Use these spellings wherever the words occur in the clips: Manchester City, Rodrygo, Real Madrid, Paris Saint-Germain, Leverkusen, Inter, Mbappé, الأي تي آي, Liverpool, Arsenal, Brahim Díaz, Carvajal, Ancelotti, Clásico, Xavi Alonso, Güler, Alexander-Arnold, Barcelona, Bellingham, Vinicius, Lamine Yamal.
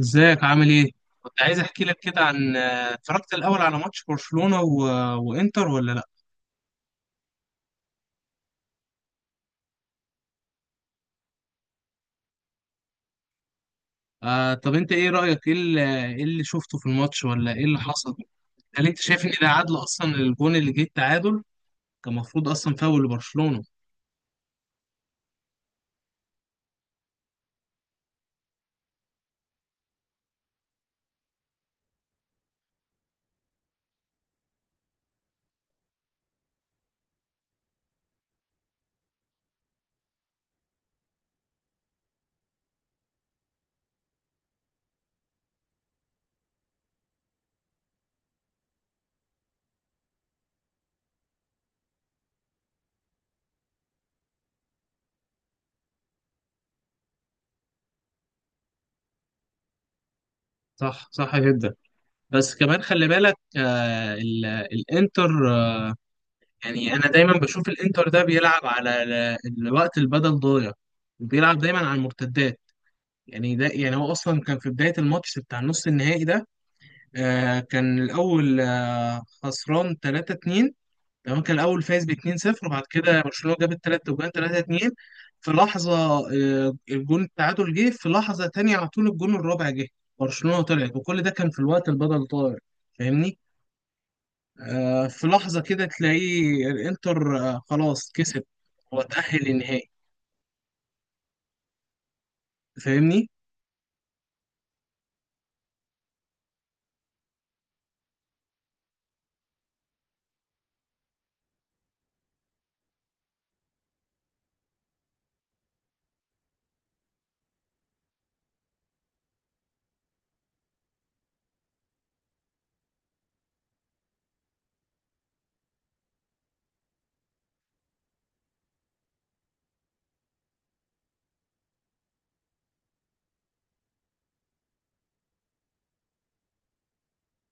ازيك عامل ايه؟ كنت عايز احكي لك كده عن اتفرجت الاول على ماتش برشلونة وانتر ولا لا؟ آه، طب انت ايه رأيك؟ ايه اللي شفته في الماتش ولا ايه اللي حصل؟ هل انت شايف ان ده عدل اصلا، الجون اللي جه التعادل كان المفروض اصلا فاول لبرشلونة؟ صح، صح جدا. بس كمان خلي بالك، الانتر، آه، يعني انا دايما بشوف الانتر ده بيلعب على الوقت البدل ضايع، بيلعب دايما على المرتدات. يعني ده، يعني هو اصلا كان في بداية الماتش بتاع النص النهائي ده، كان الأول خسران 3-2. تمام، كان الأول فايز ب 2-0، وبعد كده برشلونة جاب التلات وجان 3-2 في لحظة. الجون التعادل جه في لحظة تانية، على طول الجون الرابع جه، برشلونة طلعت، وكل ده كان في الوقت البدل طاير. فاهمني، في لحظة كده تلاقيه الإنتر، خلاص كسب وتأهل للنهائي، فاهمني.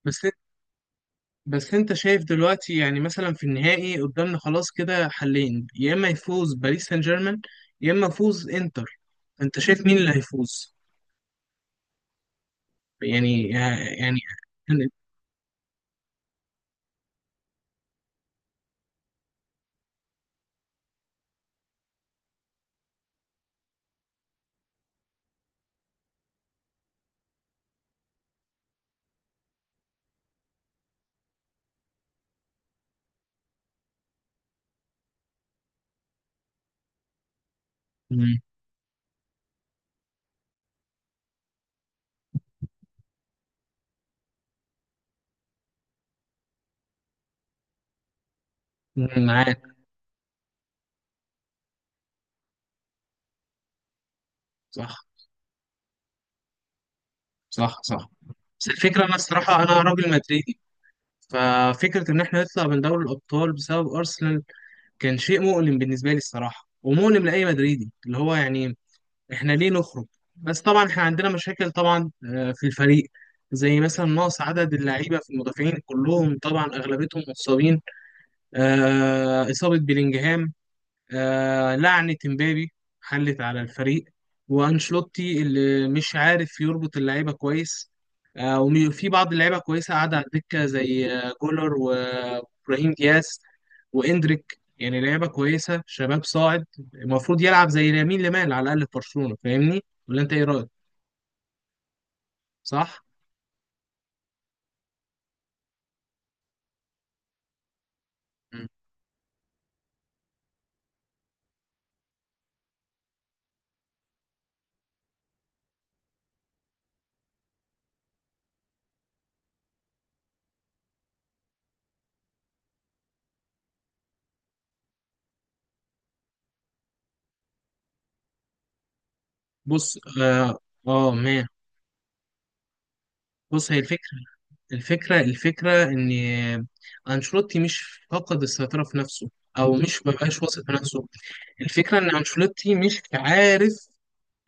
بس بس انت شايف دلوقتي، يعني مثلا في النهائي قدامنا خلاص كده حلين، يا اما يفوز باريس سان جيرمان يا اما يفوز انتر، انت شايف مين اللي هيفوز؟ يعني، يعني، مم، معاك، صح، صح، صح. بس الفكرة، أنا الصراحة أنا راجل مدريدي، ففكرة إن إحنا نطلع من دوري الأبطال بسبب أرسنال كان شيء مؤلم بالنسبة لي الصراحة، ومؤلم لأي مدريدي، اللي هو يعني احنا ليه نخرج؟ بس طبعا احنا عندنا مشاكل طبعا، في الفريق، زي مثلا نقص عدد اللعيبه في المدافعين، كلهم طبعا اغلبيتهم مصابين. اصابه بيلينجهام، لعنه امبابي حلت على الفريق، وانشلوتي اللي مش عارف يربط اللعيبه كويس. وفي بعض اللعيبه كويسه قاعده على الدكه، زي جولر وابراهيم دياز واندريك، يعني لعيبه كويسه شباب صاعد، المفروض يلعب زي لامين يامال على الاقل في برشلونه، فاهمني ولا انت ايه رايك؟ صح. مم. بص، اه. اه ما، بص هي الفكره، الفكره ان انشيلوتي مش فقد السيطره في نفسه او مش مبقاش واثق في نفسه. الفكره ان انشيلوتي مش عارف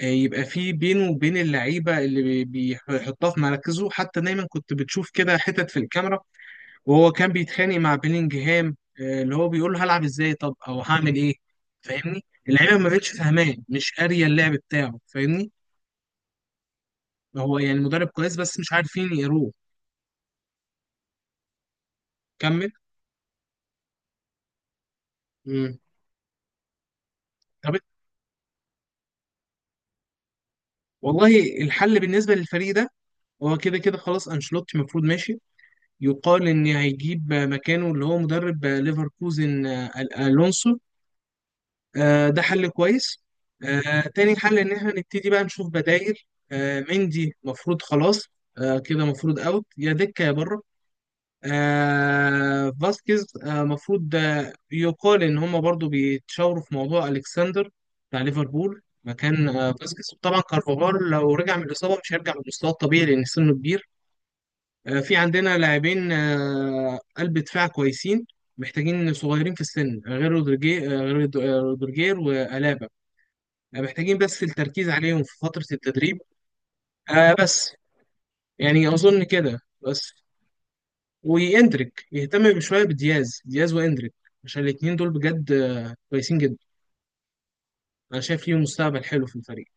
يبقى في بينه وبين اللعيبه، بيحطها في مراكزه، حتى دايما كنت بتشوف كده حتت في الكاميرا وهو كان بيتخانق مع بيلينجهام، اللي هو بيقول له هلعب ازاي، طب او هعمل ايه، فاهمني. اللعيبه ما بقتش فاهماه، مش قاريه اللعب بتاعه، فاهمني. هو يعني مدرب كويس بس مش عارفين يقروه. كمل. مم. طب، والله الحل بالنسبه للفريق ده، هو كده كده خلاص انشيلوتي المفروض ماشي. يقال ان هيجيب مكانه اللي هو مدرب ليفركوزن، الونسو، ده حل كويس. تاني حل ان احنا نبتدي بقى نشوف بدائل. مندي مفروض خلاص، كده مفروض اوت، يا دكة يا بره. فاسكيز مفروض، يقال ان هما برضو بيتشاوروا في موضوع الكسندر بتاع ليفربول مكان فاسكيز. طبعا كارفاغال لو رجع من الاصابه مش هيرجع لمستواه الطبيعي لان سنه كبير. في عندنا لاعبين قلب دفاع كويسين، محتاجين صغيرين في السن، غير رودريجير، غير رودريجير والابا. يعني محتاجين بس التركيز عليهم في فترة التدريب، بس. يعني أظن كده بس. وإندريك، يهتم بشوية بدياز وإندريك، عشان الاتنين دول بجد كويسين جدا، أنا شايف ليهم مستقبل حلو في الفريق.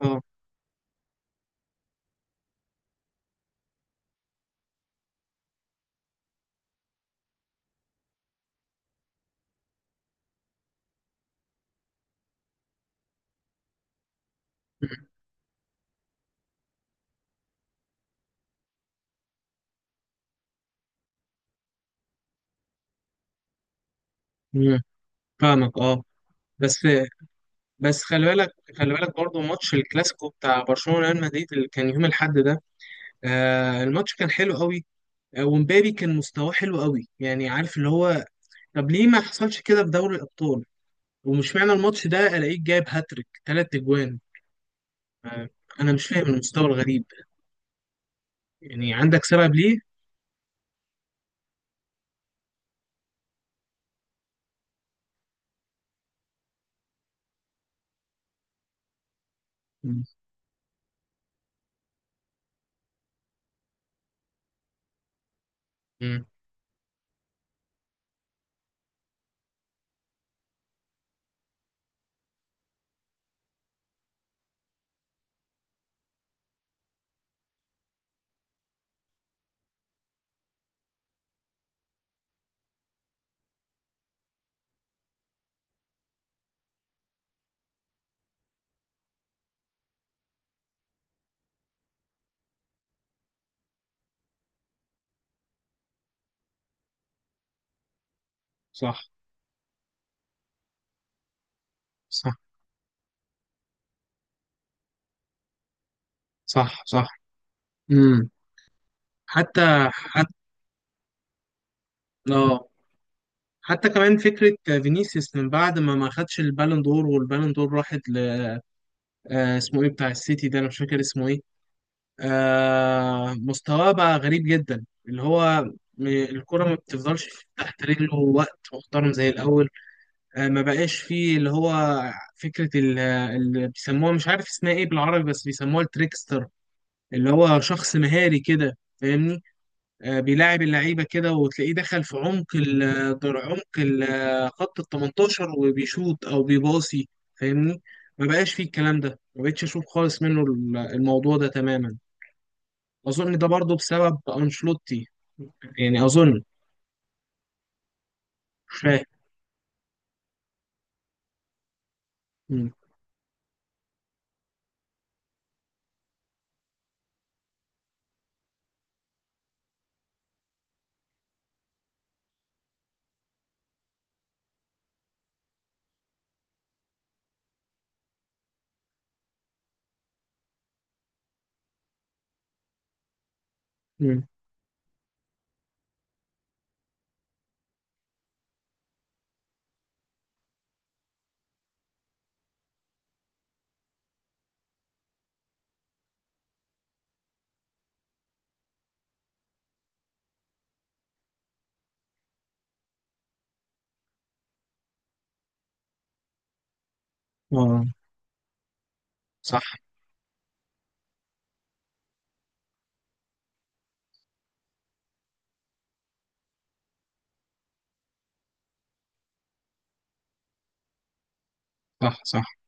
اه. مم. فاهمك، اه. بس، بس خلي بالك، خلي بالك برضه ماتش الكلاسيكو بتاع برشلونة ريال مدريد اللي كان يوم الأحد ده، الماتش كان حلو قوي. ومبابي كان مستواه حلو قوي، يعني عارف اللي هو، طب ليه ما حصلش كده في دوري الأبطال؟ ومش معنى الماتش ده الاقيك جايب هاتريك تلات اجوان. انا مش فاهم المستوى الغريب، يعني عندك سبب ليه؟ مم. مم. صح، صح، صح، صح. مم. حتى، حتى، اه، حتى كمان فكرة فينيسيوس من بعد ما خدش البالون دور، والبالون دور راحت ل، اسمه ايه بتاع السيتي ده، انا مش فاكر اسمه ايه. مستواه بقى غريب جدا، اللي هو، الكرة ما بتفضلش تحت رجله وقت محترم زي الأول. ما بقاش فيه اللي هو فكرة اللي بيسموها، مش عارف اسمها ايه بالعربي، بس بيسموها التريكستر، اللي هو شخص مهاري كده، فاهمني. بيلاعب اللعيبة كده، وتلاقيه دخل في عمق ال خط ال 18 وبيشوط او بيباصي، فاهمني. ما بقاش فيه الكلام ده، ما بقتش اشوف خالص منه الموضوع ده تماما. اظن ده برضه بسبب انشلوتي، يعني اظن، مش فاهم. مم. مم. اه. صح، صح، صح.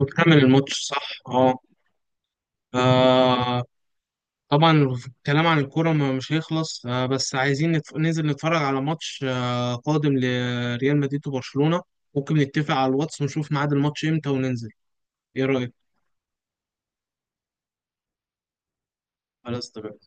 وتكمل الماتش، صح، اه. آه، طبعا الكلام عن الكورة مش هيخلص، آه، بس عايزين ننزل نتفرج على ماتش آه قادم لريال مدريد وبرشلونة. ممكن نتفق على الواتس ونشوف ميعاد الماتش امتى وننزل، ايه رأيك؟ خلاص، تمام.